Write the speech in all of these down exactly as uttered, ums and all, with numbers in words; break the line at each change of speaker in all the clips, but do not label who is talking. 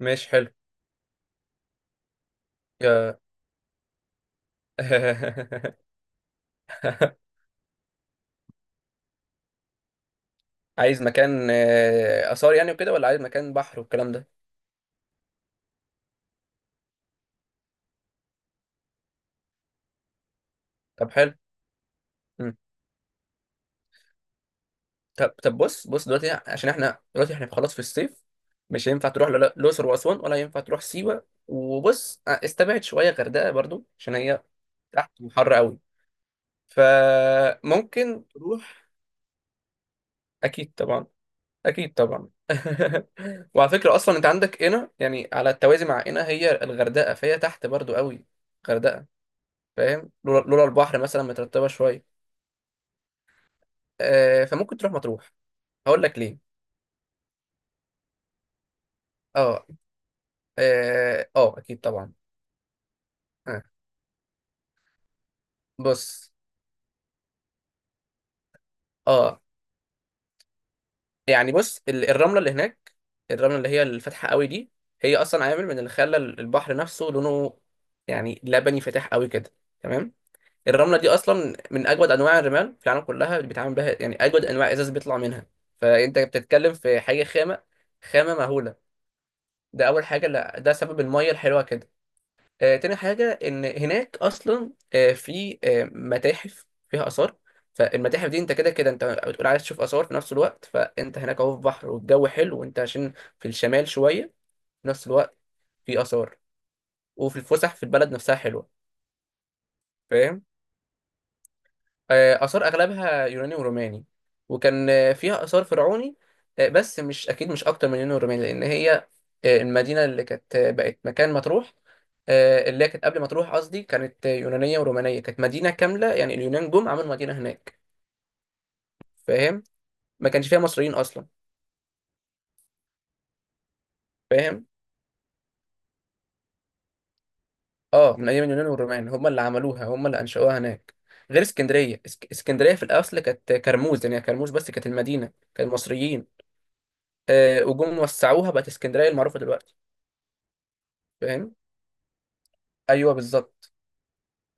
ماشي حلو. يا- عايز مكان آه، آثار يعني وكده، ولا عايز مكان بحر والكلام ده؟ طب حلو. مم. طب طب بص بص دلوقتي، عشان احنا دلوقتي احنا خلاص في الصيف، مش هينفع تروح لا- لا- الأقصر وأسوان، ولا ينفع تروح سيوة. وبص، آه، استبعد شوية غردقة برضو، عشان هي تحت وحر قوي. فممكن تروح. اكيد طبعا. اكيد طبعا. وعلى فكره اصلا انت عندك هنا، يعني على التوازي مع هنا، هي الغردقه، فهي تحت برضو قوي. غردقه. فاهم؟ لولا لولا البحر مثلا مترتبه شويه. آه فممكن تروح مطروح. هقول لك ليه. اه اه آه، اكيد طبعا. آه. بص. اه. يعني بص ال- الرمله اللي هناك، الرمله اللي هي الفاتحه قوي دي، هي اصلا عامل من اللي خلى ال- البحر نفسه لونه يعني لبني فاتح قوي كده. تمام. الرمله دي اصلا من اجود انواع الرمال في العالم كلها، اللي بيتعامل بها يعني اجود انواع ازاز بيطلع منها. فانت بتتكلم في حاجه خامه، خامه مهوله. ده اول حاجه، لا ده سبب الميه الحلوه كده. آه، تاني حاجة إن هناك أصلا، آه، في آه، متاحف فيها آثار. فالمتاحف دي، أنت كده كده أنت بتقول عايز تشوف آثار، في نفس الوقت فأنت هناك أهو في بحر، والجو حلو وأنت عشان في الشمال شوية، في نفس الوقت في آثار، وفي الفسح في البلد نفسها حلوة. فاهم؟ آه، آثار أغلبها يوناني وروماني. وكان آه، فيها آثار فرعوني، آه، بس مش أكيد، مش أكتر من يوناني وروماني. لأن هي آه، المدينة اللي كانت آه، بقت مكان مطروح، آه، اللي هي كانت قبل مطروح، قصدي كانت آه، يونانية ورومانية، كانت مدينة كاملة. يعني اليونان جم عملوا مدينة هناك. فاهم؟ ما كانش فيها مصريين أصلا. فاهم. اه، من أيام اليونان والرومان، هم اللي عملوها، هم اللي أنشأوها هناك. غير اسكندرية. اسك- اسكندرية في الأصل كانت كرموز، يعني كرموز بس، كانت المدينة كانت مصريين، آه، وجم وسعوها بقت اسكندرية المعروفة دلوقتي. فاهم. ايوه بالظبط.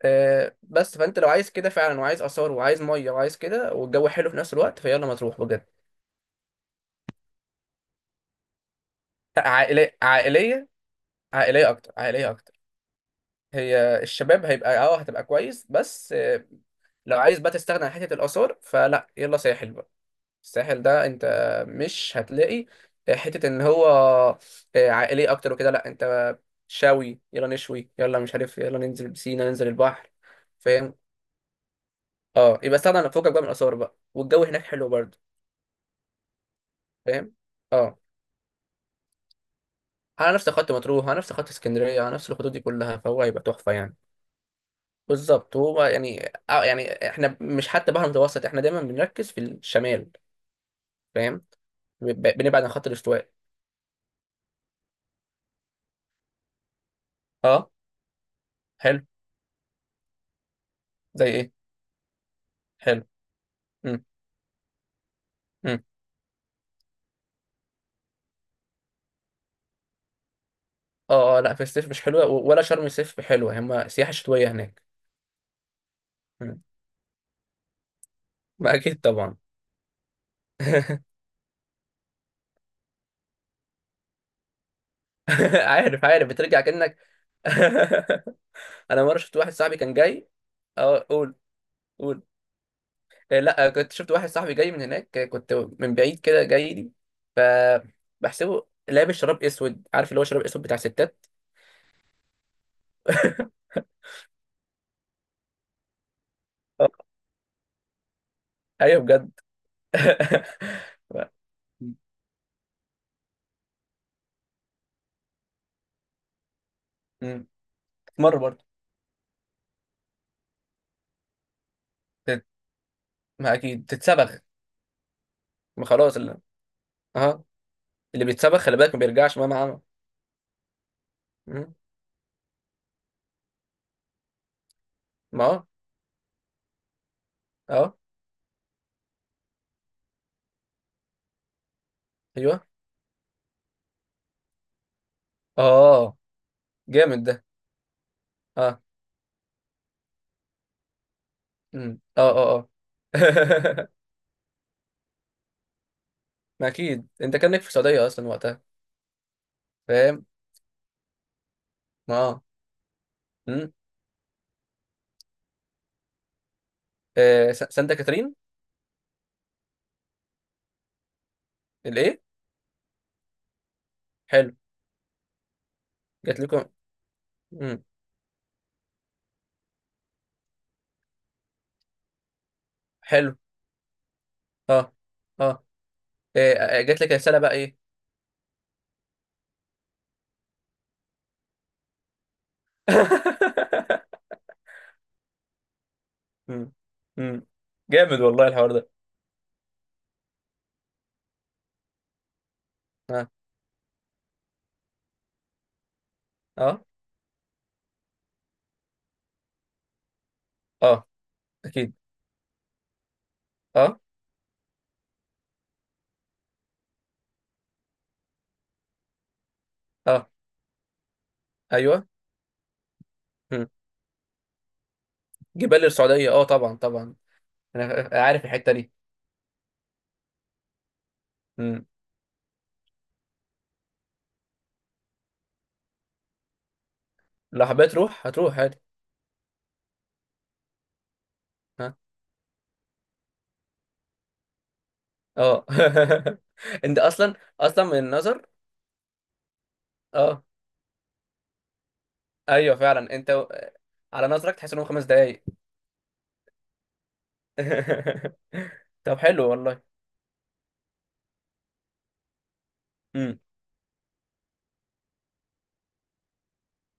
آه، بس فانت لو عايز كده فعلا، وعايز اثار وعايز ميه وعايز كده، والجو حلو في نفس الوقت، فيلا مطروح بجد. عائليه عائليه. عائليه اكتر عائليه اكتر هي الشباب هيبقى اه، هتبقى كويس بس آه، لو عايز بقى تستغنى عن حته الاثار، فلا، يلا ساحل بقى. الساحل ده انت مش هتلاقي حته ان هو آه، عائليه اكتر وكده، لا انت شاوي، يلا نشوي، يلا مش عارف، يلا ننزل بسينا، ننزل البحر. فاهم. اه، يبقى استغنى عن فوقك بقى من الاثار بقى، والجو هناك حلو برضه. فاهم. اه، على نفس خط مطروح، على نفس خط اسكندريه، على نفس الخطوط دي كلها، فهو هيبقى تحفه يعني. بالظبط. هو يعني آه، يعني احنا مش حتى بحر متوسط، احنا دايما بنركز في الشمال. فاهم. ب- بنبعد عن خط الاستواء. اه. حلو. زي ايه؟ حلو. امم. امم. اه اه، لا في الصيف مش حلوه، و- ولا شرم الصيف حلوه، هما سياحه شتويه هناك. مم. ما اكيد طبعا. عارف عارف بترجع كأنك. انا مره شفت واحد صاحبي كان جاي. اه، قول قول. آه، لا آه، كنت شفت واحد صاحبي جاي من هناك، آه، كنت من بعيد كده جاي لي، فبحسبه لابس شراب اسود، عارف اللي هو شراب اسود بتاع ستات. آه، ايوه بجد. مم. مر برضه. تت- ما اكيد تتسبخ. ما خلاص اللي، اه، اللي بيتسبخ خلي بالك ما بيرجعش مهما عمل. مم. ما اه اه، ايوه. اه، جامد ده. اه. مم. اه اه اه. ما اكيد انت كانك في السعوديه اصلا وقتها. فاهم. ما اه، آه س- سانتا كاترين. الايه؟ حلو. جات لكم؟ مم. حلو. اه. اه. إيه، آه، جات لك رساله بقى ايه؟ مم. مم. جامد والله الحوار ده. اه. اه. اه. اكيد. اه. اه. ايوه. مم. جبال السعوديه، اه طبعا طبعا. انا عارف الحته دي. مم. لو حبيت تروح هتروح عادي. ها. اه. انت اصلا، اصلا من النظر. اه، ايوه فعلا، انت و- على نظرك تحس انهم خمس دقايق. طب حلو والله. امم.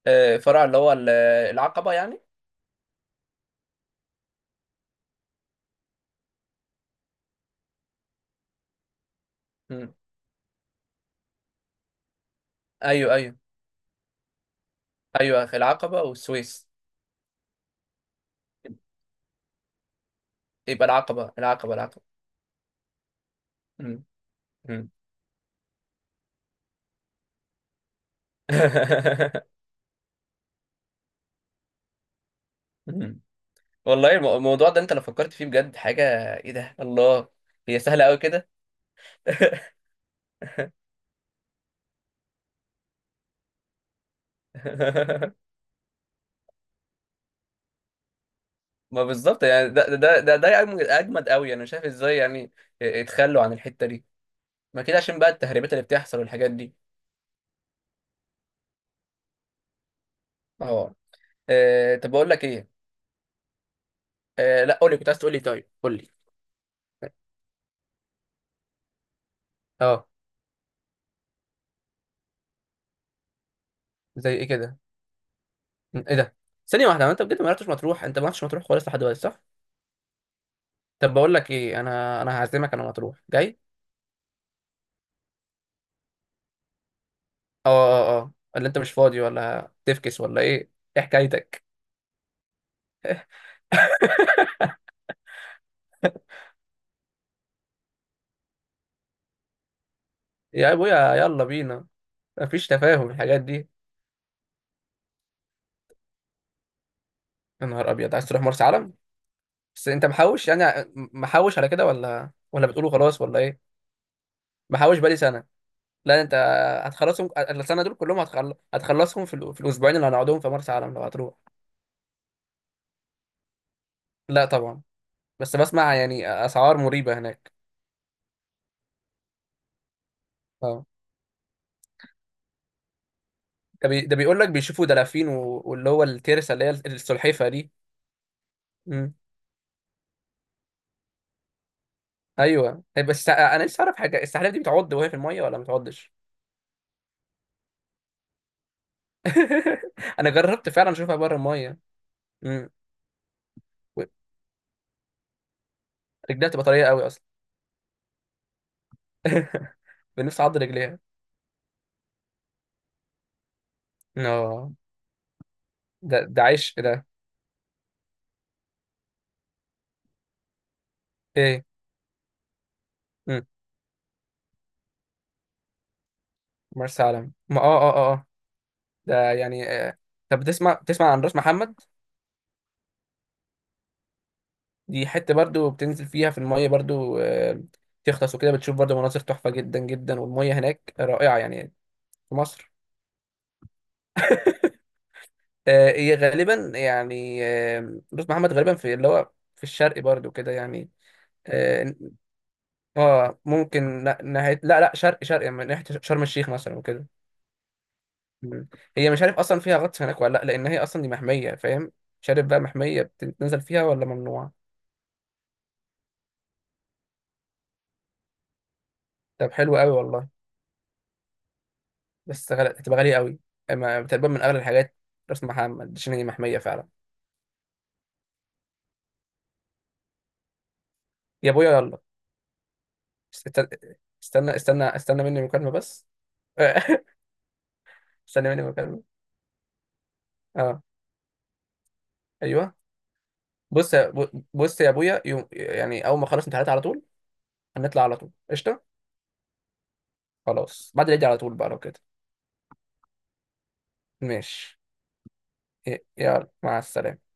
آه، فرع اللي هو ال- العقبة يعني. امم. ايوه ايوه ايوه. العقبة والسويس. يبقى العقبة، العقبة العقبة امم. امم. أمم. والله المو- الموضوع ده انت لو فكرت فيه بجد حاجة، ايه ده الله، هي سهلة قوي كده. ما بالظبط، يعني ده ده ده ده أجمد، أجمد قوي، انا شايف ازاي يعني. اتخلوا عن الحتة دي، ما كده عشان بقى التهريبات اللي بتحصل والحاجات دي. اه، آه، طب بقول لك ايه، آه، لا قول لي، كنت عايز تقول لي، طيب قول لي. زي ايه كده؟ م- ايه ده، ثانيه واحده، هو انت بجد ما رحتش مطروح، انت ما رحتش مطروح خالص لحد دلوقتي صح؟ طب بقول لك ايه، انا انا هعزمك انا، مطروح جاي. اه اه اه، ولا انت مش فاضي ولا تفكس ولا ايه؟ ايه حكايتك؟ يا ابويا يلا بينا. مفيش تفاهم الحاجات دي. يا نهار ابيض، عايز تروح مرسى علم؟ بس انت محوش يعني، م- محوش على كده، ولا ولا بتقوله خلاص ولا ايه؟ محوش بقالي سنه. لا انت هتخلصهم السنه دول كلهم، هتخل... هتخلصهم في, الأ- في الاسبوعين اللي هنقعدهم في مرسى علم لو هتروح. لا طبعا. بس بسمع يعني اسعار مريبه هناك. اه، ده بي... ده بيقول لك بيشوفوا دلافين و... واللي هو الترسه، اللي هي السلحفه دي. امم. ايوه طيب، بس انا لسه اعرف حاجه، السلحفه دي بتعض وهي في الميه ولا ما بتعضش؟ انا جربت فعلا اشوفها بره الميه. امم. و- رجلها بتبقى طريه قوي اصلا. بنفسي اعض رجليها. اه، ده ده عيش ده. ايه؟ امم. مرسى علم، ما اه اه اه. آه. ده يعني آه. طب بتسمع، بتسمع عن راس محمد؟ دي حتة برضو بتنزل فيها في المية، برضو آه، تغطس وكده بتشوف برضو مناظر تحفة جدا جدا، والمية هناك رائعة يعني. في مصر. آه، هي غالبا يعني آه، بص محمد غالبا في اللي هو في الشرق برضو كده يعني. اه، آه، ممكن لا- ناحية لا لا شرق شرق يعني، من ناحية شرم الشيخ مثلا وكده. مم. هي مش عارف اصلا فيها غطس هناك ولا لا، لان هي اصلا دي محمية فاهم، مش عارف بقى محمية بتنزل فيها ولا ممنوع. طب حلو قوي والله. بس غلا- هتبقى غالية قوي، أما تقريبا من أغلى الحاجات. راس محمد شنو محمية فعلا. يا أبويا يلا. استنى، استنى استنى, استنى مني مكالمة بس. استنى مني مكالمة. أه. أيوه. بص يا ب- بص يا أبويا، يوم يعني أول ما أخلص امتحانات على طول، هنطلع على طول قشطة. خلاص بعد العيد على طول بقى لو كده. ماشي. ي- يلا مع السلامة.